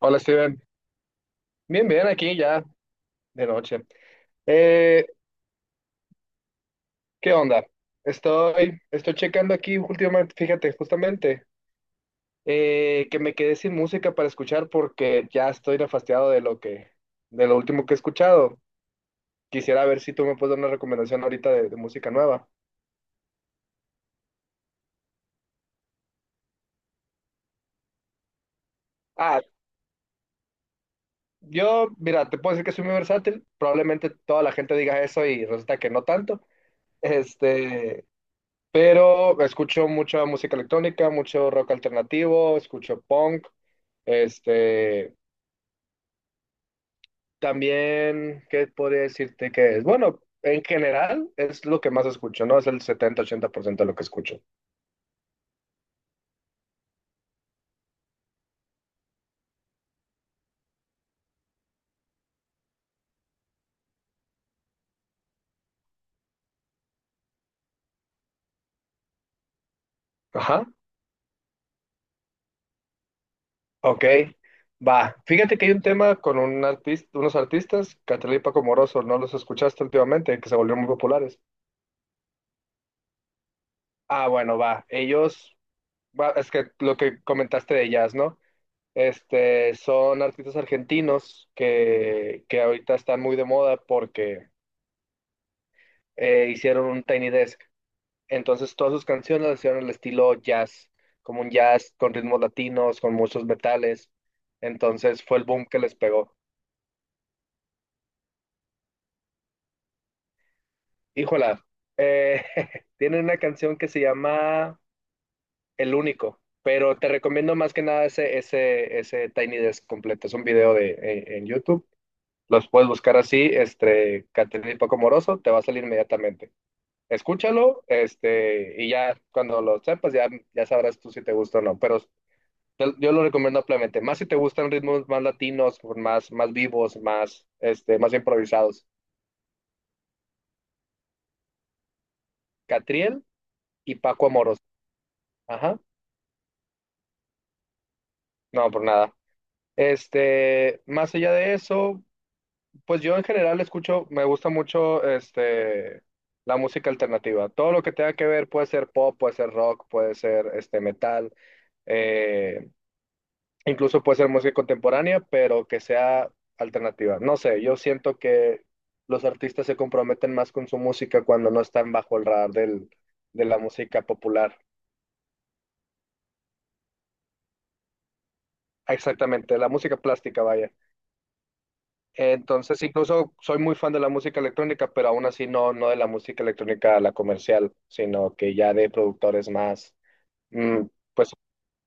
Hola Steven, bien, bien, aquí ya de noche. Eh, ¿Qué onda? Estoy checando aquí últimamente, fíjate, justamente, que me quedé sin música para escuchar porque ya estoy nefastiado de lo último que he escuchado. Quisiera ver si tú me puedes dar una recomendación ahorita de música nueva. Ah, yo, mira, te puedo decir que soy muy versátil, probablemente toda la gente diga eso y resulta que no tanto. Este, pero escucho mucha música electrónica, mucho rock alternativo, escucho punk. Este, también, ¿qué podría decirte que es? Bueno, en general es lo que más escucho, ¿no? Es el 70-80% de lo que escucho. Ajá. Ok, va. Fíjate que hay un tema con unos artistas, Catriel y Paco Moroso, ¿no los escuchaste últimamente? Que se volvieron muy populares. Ah, bueno, va. Ellos, va, es que lo que comentaste de ellas, ¿no? Son artistas argentinos que ahorita están muy de moda porque hicieron un Tiny Desk. Entonces todas sus canciones las hicieron al estilo jazz, como un jazz con ritmos latinos, con muchos metales. Entonces fue el boom que les pegó. Híjola, eh, tienen una canción que se llama El Único, pero te recomiendo más que nada ese Tiny Desk completo. Es un video en YouTube. Los puedes buscar así, Caterina y Paco Moroso, te va a salir inmediatamente. Escúchalo, y ya cuando lo sepas, ya sabrás tú si te gusta o no. Pero yo lo recomiendo ampliamente, más si te gustan ritmos más latinos, más vivos, más, más improvisados. Catriel y Paco Amoros. Ajá, no, por nada. Más allá de eso, pues yo en general escucho, me gusta mucho la música alternativa. Todo lo que tenga que ver puede ser pop, puede ser rock, puede ser metal, eh, Incluso puede ser música contemporánea, pero que sea alternativa. No sé, yo siento que los artistas se comprometen más con su música cuando no están bajo el radar de la música popular. Exactamente, la música plástica, vaya. Entonces, incluso soy muy fan de la música electrónica, pero aún así no de la música electrónica, la comercial, sino que ya de productores más, mm, pues,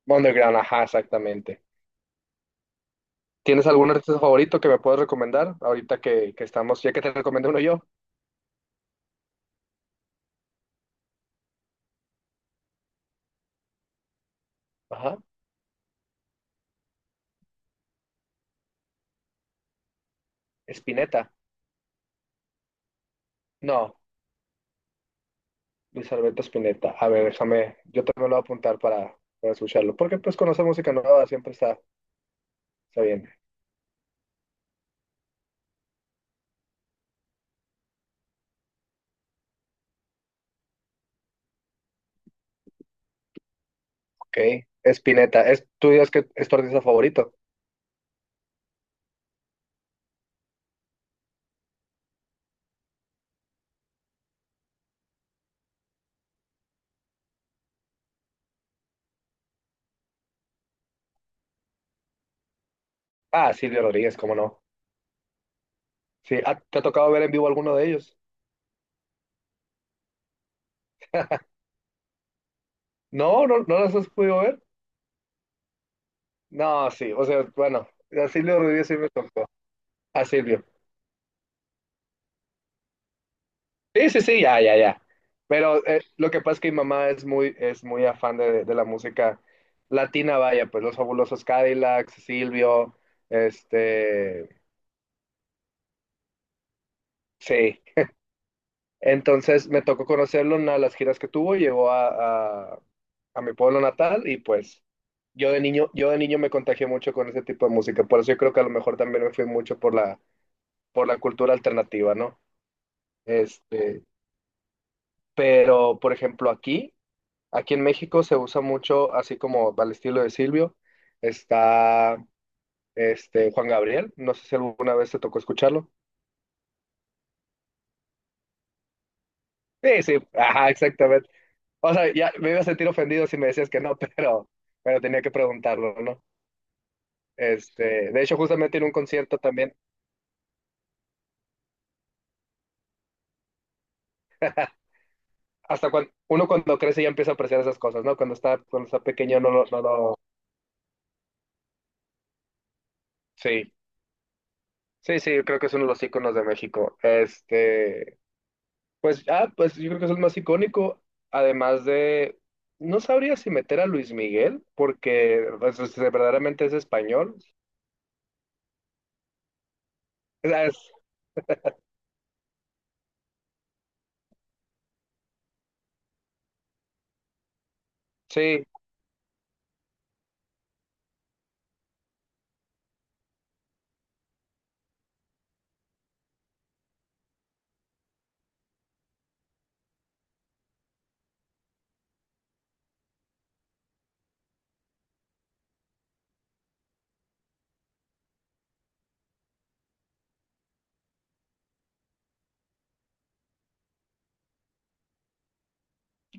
underground, ajá, exactamente. ¿Tienes algún artista favorito que me puedas recomendar ahorita que estamos, ya que te recomiendo uno yo? Ajá. Spinetta. No, Luis Alberto Spinetta. A ver, déjame, yo también lo voy a apuntar para escucharlo, porque pues conocer música nueva siempre está bien. Ok, Spinetta. ¿Tú dirías que es tu artista favorito? Ah, Silvio Rodríguez, cómo no. Sí, ¿te ha tocado ver en vivo alguno de ellos? No, no, no los has podido ver. No, sí, o sea, bueno, a Silvio Rodríguez sí me tocó. A Silvio. Sí, sí, sí, ya, ya, ya. Pero lo que pasa es que mi mamá es muy afán de la música latina, vaya, pues los fabulosos Cadillacs, Silvio, este, sí. Entonces me tocó conocerlo en una de las giras que tuvo, llegó a mi pueblo natal y pues yo de niño me contagié mucho con ese tipo de música, por eso yo creo que a lo mejor también me fui mucho por la cultura alternativa, ¿no? Este, pero por ejemplo aquí en México se usa mucho, así como al estilo de Silvio, está este Juan Gabriel. No sé si alguna vez te tocó escucharlo. Sí, sí, ajá, exactamente. O sea, ya me iba a sentir ofendido si me decías que no, pero tenía que preguntarlo, ¿no? De hecho, justamente en un concierto también, hasta cuando uno cuando crece ya empieza a apreciar esas cosas, ¿no? Cuando está pequeño no lo, sí. Sí, sí, yo creo que es uno de los íconos de México. Pues yo creo que es el más icónico, además de, no sabría si meter a Luis Miguel, porque pues, verdaderamente es español. Es- es- sí,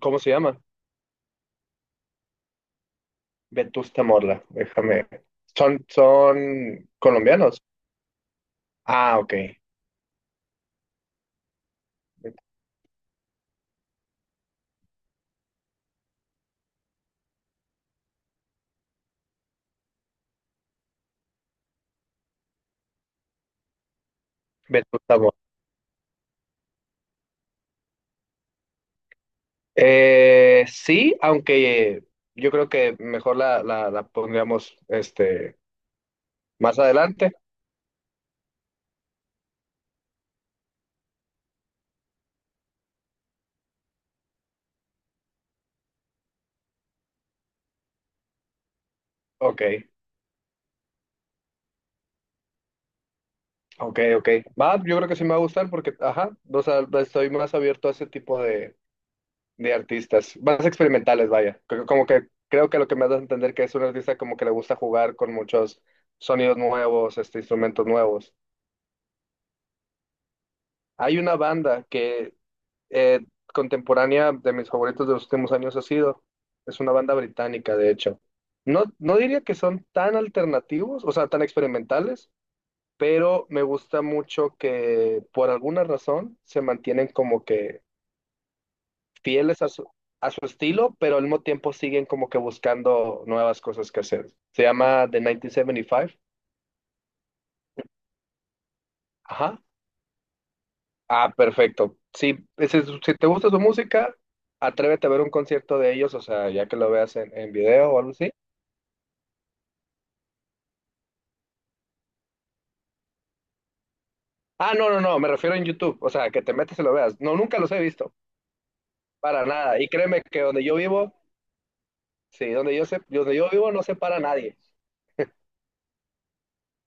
¿cómo se llama? Vetusta Morla, déjame. Son colombianos. Ah, ok. Vetusta Morla. Sí, aunque yo creo que mejor la pondríamos más adelante. Ok. Ok, ok. Va, yo creo que sí me va a gustar porque, ajá, o sea, estoy más abierto a ese tipo de artistas, más experimentales, vaya. Como que creo que lo que me das a entender que es un artista como que le gusta jugar con muchos sonidos nuevos, instrumentos nuevos. Hay una banda que eh, contemporánea de mis favoritos de los últimos años ha sido, es una banda británica, de hecho. No diría que son tan alternativos, o sea, tan experimentales pero me gusta mucho que por alguna razón se mantienen como que fieles a su estilo, pero al mismo tiempo siguen como que buscando nuevas cosas que hacer. Se llama The 1975. Ajá. Ah, perfecto. Sí, si te gusta su música, atrévete a ver un concierto de ellos, o sea, ya que lo veas en video o algo así. Ah, no, no, no, me refiero en YouTube, o sea, que te metes y lo veas. No, nunca los he visto, para nada. Y créeme que donde yo vivo, sí, donde yo sé, donde yo vivo no se para nadie.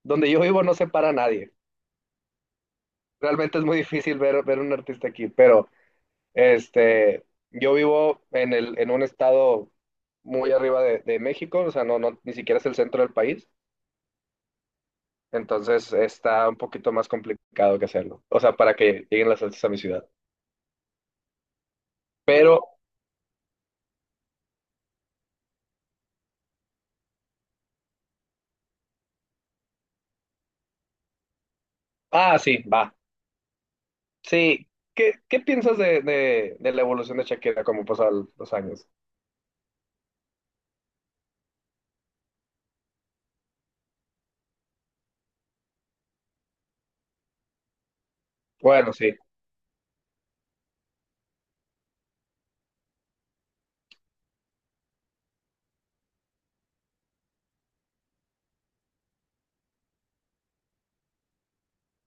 Donde yo vivo no se para nadie. Realmente es muy difícil ver un artista aquí, pero este, yo vivo en un estado muy arriba de México, o sea, no, no, ni siquiera es el centro del país, entonces está un poquito más complicado que hacerlo, o sea, para que lleguen las artes a mi ciudad. Pero, sí, va, sí. ¿Qué piensas de la evolución de Shakira como pasan los años? Bueno, sí.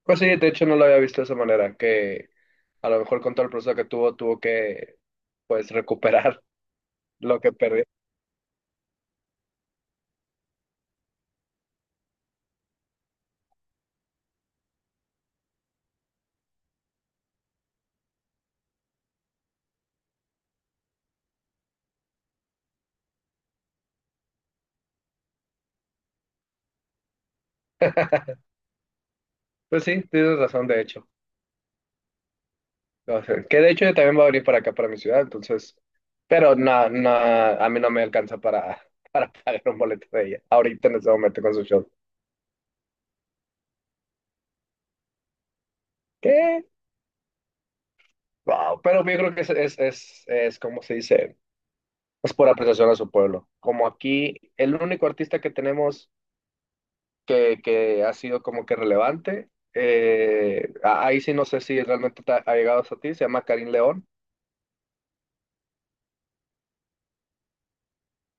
Pues sí, de hecho no lo había visto de esa manera, que a lo mejor con todo el proceso que tuvo, tuvo que pues recuperar lo que perdí. Pues sí, tienes razón, de hecho. O sea, que de hecho yo también voy a venir para acá, para mi ciudad, entonces, pero a mí no me alcanza para, para pagar un boleto de ella, ahorita en este momento con su show. ¿Qué? Wow, pero yo creo que es como se dice, es por apreciación a su pueblo. Como aquí, el único artista que tenemos que ha sido como que relevante, ahí sí no sé si realmente te ha llegado a ti, se llama Karim León.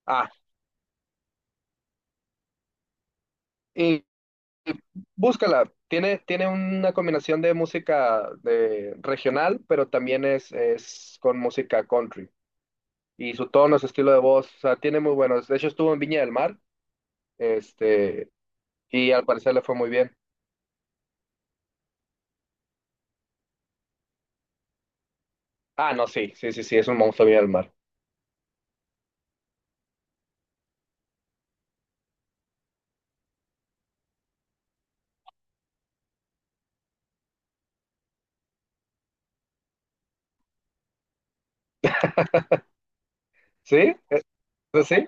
Ah, búscala, tiene una combinación de música de, regional, pero también es con música country. Y su tono, su estilo de voz, o sea, tiene muy buenos. De hecho, estuvo en Viña del Mar, este, y al parecer le fue muy bien. Ah, no, sí, sí, sí, sí, es un monstruo Viña del Mar. ¿Sí? ¿Eh? Pues sí,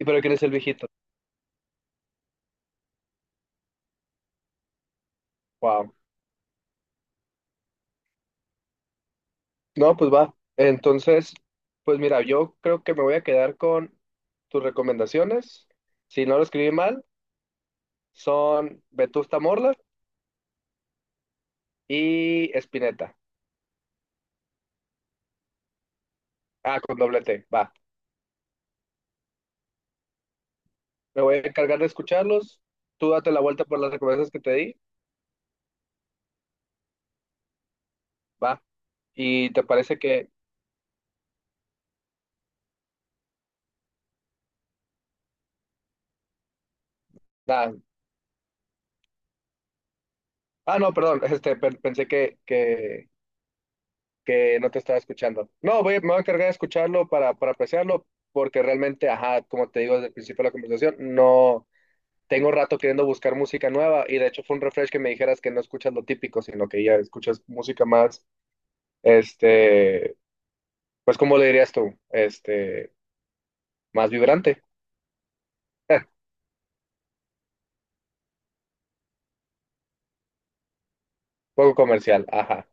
¿y pero quién es el viejito? Wow. No, pues va. Entonces, pues mira, yo creo que me voy a quedar con tus recomendaciones. Si no lo escribí mal, son Vetusta Morla y Espineta. Ah, con doble T, va. Me voy a encargar de escucharlos. Tú date la vuelta por las recomendaciones que te di, va. Y te parece que. Ah, no, perdón, pensé que no te estaba escuchando. No, me voy a encargar de escucharlo para, apreciarlo, porque realmente, ajá, como te digo desde el principio de la conversación, no tengo rato queriendo buscar música nueva y de hecho fue un refresh que me dijeras que no escuchas lo típico, sino que ya escuchas música más, este, pues, ¿cómo le dirías tú? Más vibrante. Poco comercial, ajá.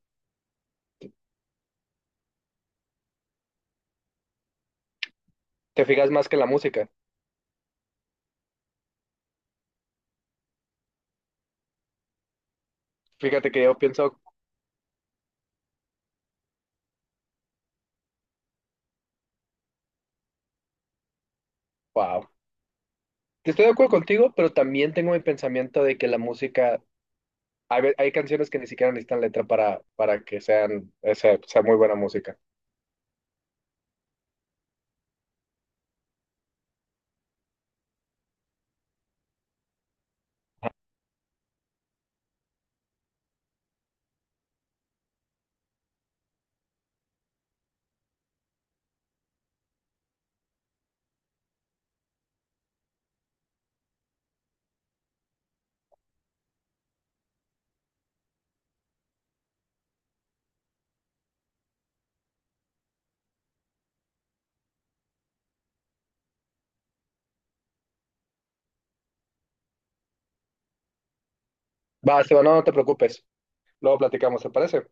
Te fijas más que en la música. Fíjate que yo pienso, wow. Estoy de acuerdo contigo, pero también tengo mi pensamiento de que la música, hay canciones que ni siquiera necesitan letra para, que sean, sea muy buena música. Va, Esteban, no, no te preocupes. Luego platicamos, ¿te parece?